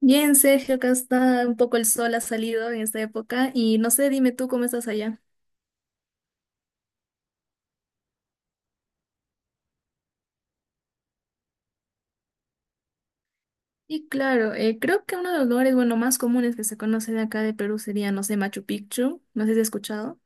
Bien, Sergio, acá está un poco, el sol ha salido en esta época y no sé, dime tú cómo estás allá. Y claro, creo que uno de los lugares, bueno, más comunes que se conocen acá de Perú sería, no sé, Machu Picchu, no sé si has escuchado.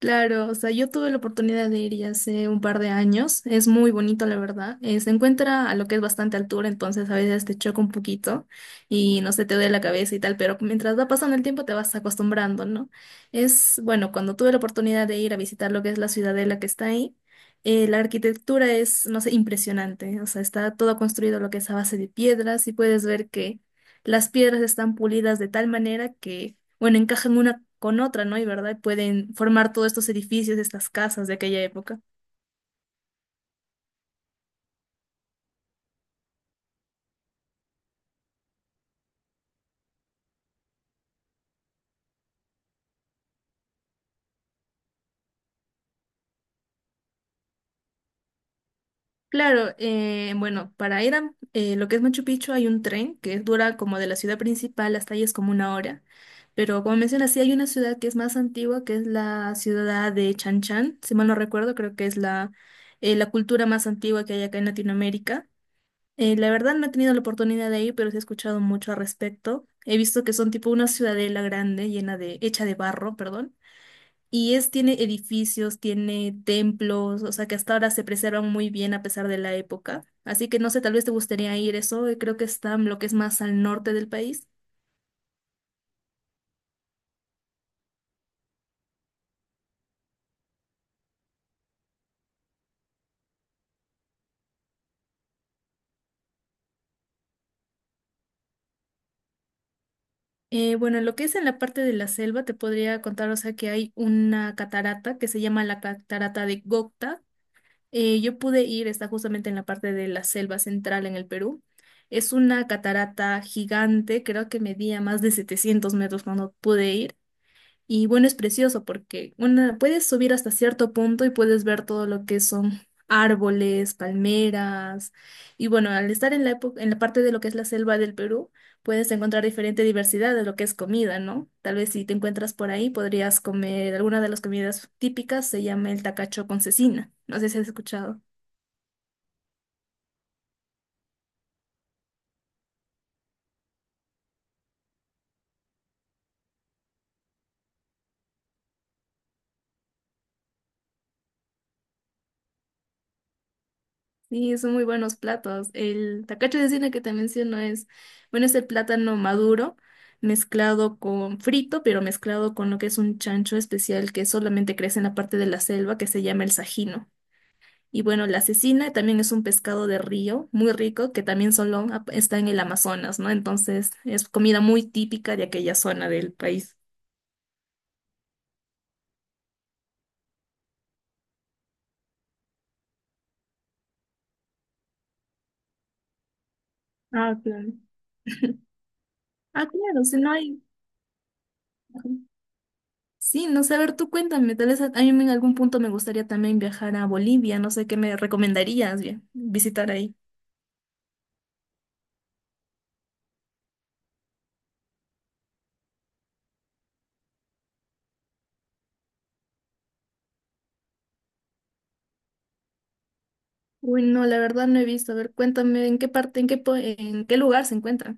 Claro, o sea, yo tuve la oportunidad de ir ya hace un par de años. Es muy bonito, la verdad. Se encuentra a lo que es bastante altura, entonces a veces te choca un poquito y no, se te duele la cabeza y tal, pero mientras va pasando el tiempo te vas acostumbrando, ¿no? Es, bueno, cuando tuve la oportunidad de ir a visitar lo que es la ciudadela que está ahí, la arquitectura es, no sé, impresionante. O sea, está todo construido lo que es a base de piedras y puedes ver que las piedras están pulidas de tal manera que, bueno, encajan una con otra, ¿no? Y verdad, pueden formar todos estos edificios, estas casas de aquella época. Claro, bueno, para ir a lo que es Machu Picchu hay un tren que dura como, de la ciudad principal hasta ahí es como una hora, pero como mencionas, sí hay una ciudad que es más antigua, que es la ciudad de Chan Chan, si mal no recuerdo, creo que es la cultura más antigua que hay acá en Latinoamérica. La verdad no he tenido la oportunidad de ir, pero sí he escuchado mucho al respecto. He visto que son tipo una ciudadela grande, llena de, hecha de barro, perdón. Y es, tiene edificios, tiene templos, o sea que hasta ahora se preservan muy bien a pesar de la época. Así que no sé, tal vez te gustaría ir eso, creo que está en lo que es más al norte del país. Bueno, en lo que es en la parte de la selva, te podría contar, o sea, que hay una catarata que se llama la catarata de Gocta. Yo pude ir, está justamente en la parte de la selva central en el Perú. Es una catarata gigante, creo que medía más de 700 metros cuando pude ir. Y bueno, es precioso porque, bueno, puedes subir hasta cierto punto y puedes ver todo lo que son árboles, palmeras. Y bueno, al estar en la época, en la parte de lo que es la selva del Perú, puedes encontrar diferente diversidad de lo que es comida, ¿no? Tal vez si te encuentras por ahí, podrías comer alguna de las comidas típicas, se llama el tacacho con cecina. No sé si has escuchado. Sí, son muy buenos platos. El tacacho de cine que te menciono es, bueno, es el plátano maduro mezclado con frito, pero mezclado con lo que es un chancho especial que solamente crece en la parte de la selva que se llama el sajino. Y bueno, la cecina también es un pescado de río muy rico que también solo está en el Amazonas, ¿no? Entonces es comida muy típica de aquella zona del país. Ah, claro. Ah, claro, si no hay. Sí, no sé, a ver, tú cuéntame, tal vez a mí en algún punto me gustaría también viajar a Bolivia, no sé qué me recomendarías bien, visitar ahí. Uy, no, la verdad no he visto, a ver, cuéntame en qué parte, en qué lugar se encuentra.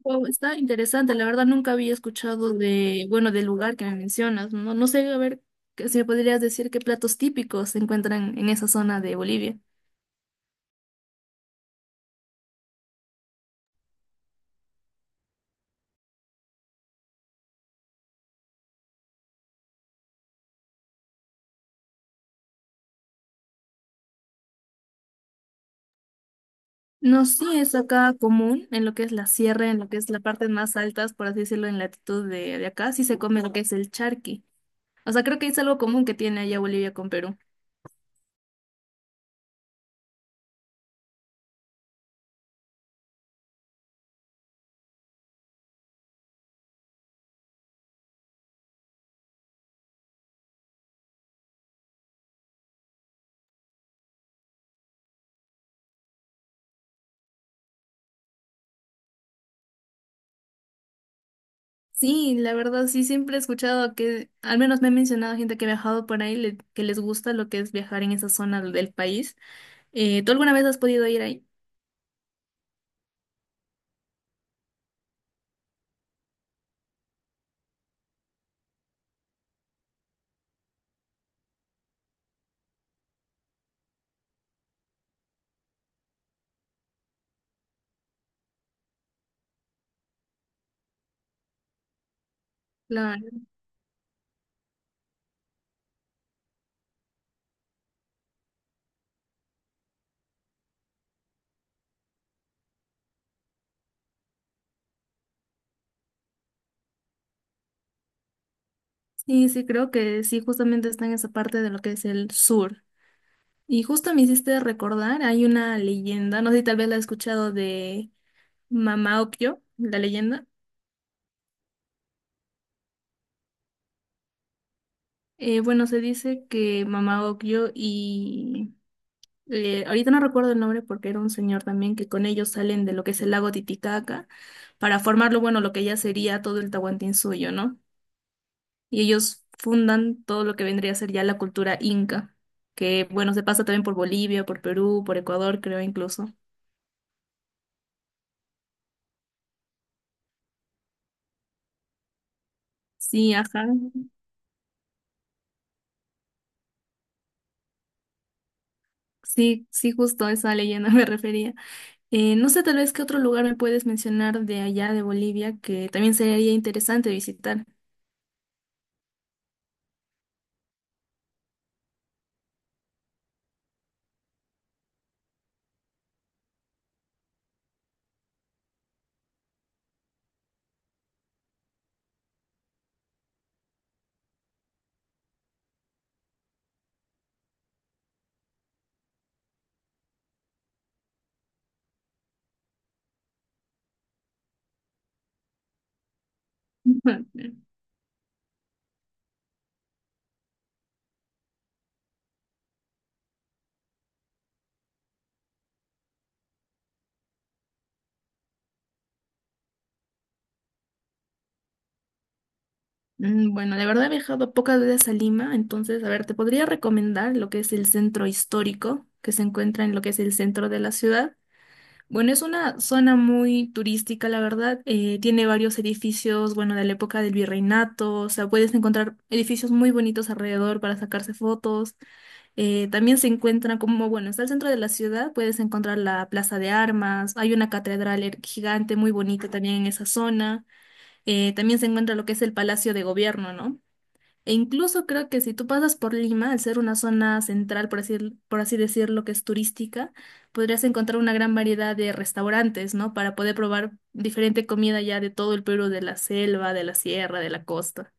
Wow, está interesante, la verdad nunca había escuchado de, bueno, del lugar que me mencionas, no, no sé, a ver, que si me podrías decir qué platos típicos se encuentran en esa zona de Bolivia. No, sí, es acá común, en lo que es la sierra, en lo que es la parte más altas, por así decirlo, en latitud de acá, sí se come lo que es el charqui. O sea, creo que es algo común que tiene allá Bolivia con Perú. Sí, la verdad, sí, siempre he escuchado que, al menos me ha mencionado gente que ha viajado por ahí, que les gusta lo que es viajar en esa zona del país. ¿Tú alguna vez has podido ir ahí? Claro. Sí, sí, creo que sí, justamente está en esa parte de lo que es el sur. Y justo me hiciste recordar, hay una leyenda, no sé si tal vez la has escuchado de Mama Ocllo, la leyenda. Bueno, se dice que Mama Ocllo y ahorita no recuerdo el nombre porque era un señor también que con ellos salen de lo que es el lago Titicaca para formarlo, bueno, lo que ya sería todo el Tahuantinsuyo, ¿no? Y ellos fundan todo lo que vendría a ser ya la cultura inca, que bueno, se pasa también por Bolivia, por Perú, por Ecuador, creo incluso. Sí, ajá. Sí, sí, justo a esa leyenda me refería. No sé, tal vez qué otro lugar me puedes mencionar de allá de Bolivia que también sería interesante visitar. Mm, bueno, la verdad he viajado pocas veces a Lima, entonces, a ver, te podría recomendar lo que es el centro histórico, que se encuentra en lo que es el centro de la ciudad. Bueno, es una zona muy turística, la verdad. Tiene varios edificios, bueno, de la época del virreinato, o sea, puedes encontrar edificios muy bonitos alrededor para sacarse fotos. También se encuentra como, bueno, está el centro de la ciudad, puedes encontrar la Plaza de Armas, hay una catedral gigante muy bonita también en esa zona. También se encuentra lo que es el Palacio de Gobierno, ¿no? E incluso creo que si tú pasas por Lima, al ser una zona central, por así decirlo, que es turística, podrías encontrar una gran variedad de restaurantes, ¿no? Para poder probar diferente comida ya de todo el Perú, de la selva, de la sierra, de la costa.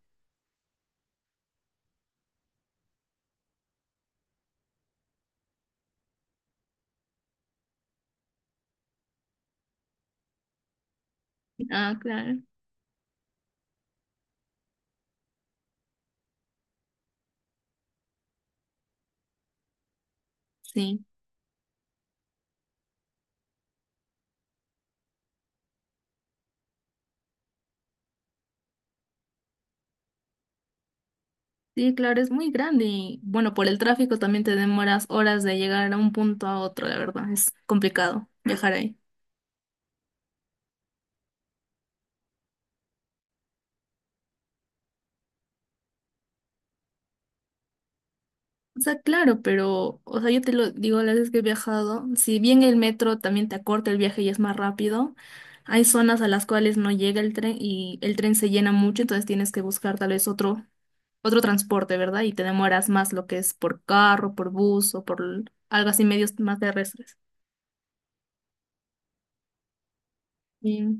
Ah, claro. Sí. Sí, claro, es muy grande y bueno, por el tráfico también te demoras horas de llegar a un punto a otro, la verdad, es complicado viajar ahí. O sea, claro, pero, o sea, yo te lo digo, las veces que he viajado, si bien el metro también te acorta el viaje y es más rápido, hay zonas a las cuales no llega el tren y el tren se llena mucho, entonces tienes que buscar tal vez otro transporte, ¿verdad? Y te demoras más lo que es por carro, por bus o por algo así, medios más terrestres. Sí.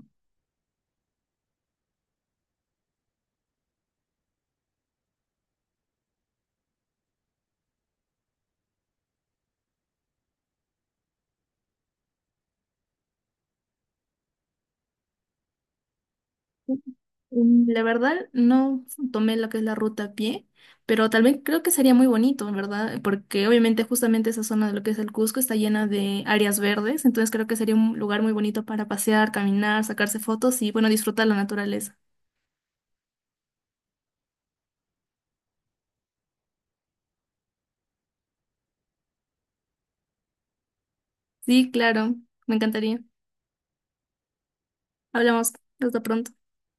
Mm, la verdad, no tomé lo que es la ruta a pie, pero tal vez creo que sería muy bonito, ¿verdad? Porque obviamente justamente esa zona de lo que es el Cusco está llena de áreas verdes, entonces creo que sería un lugar muy bonito para pasear, caminar, sacarse fotos y, bueno, disfrutar la naturaleza. Sí, claro, me encantaría. Hablamos, hasta pronto.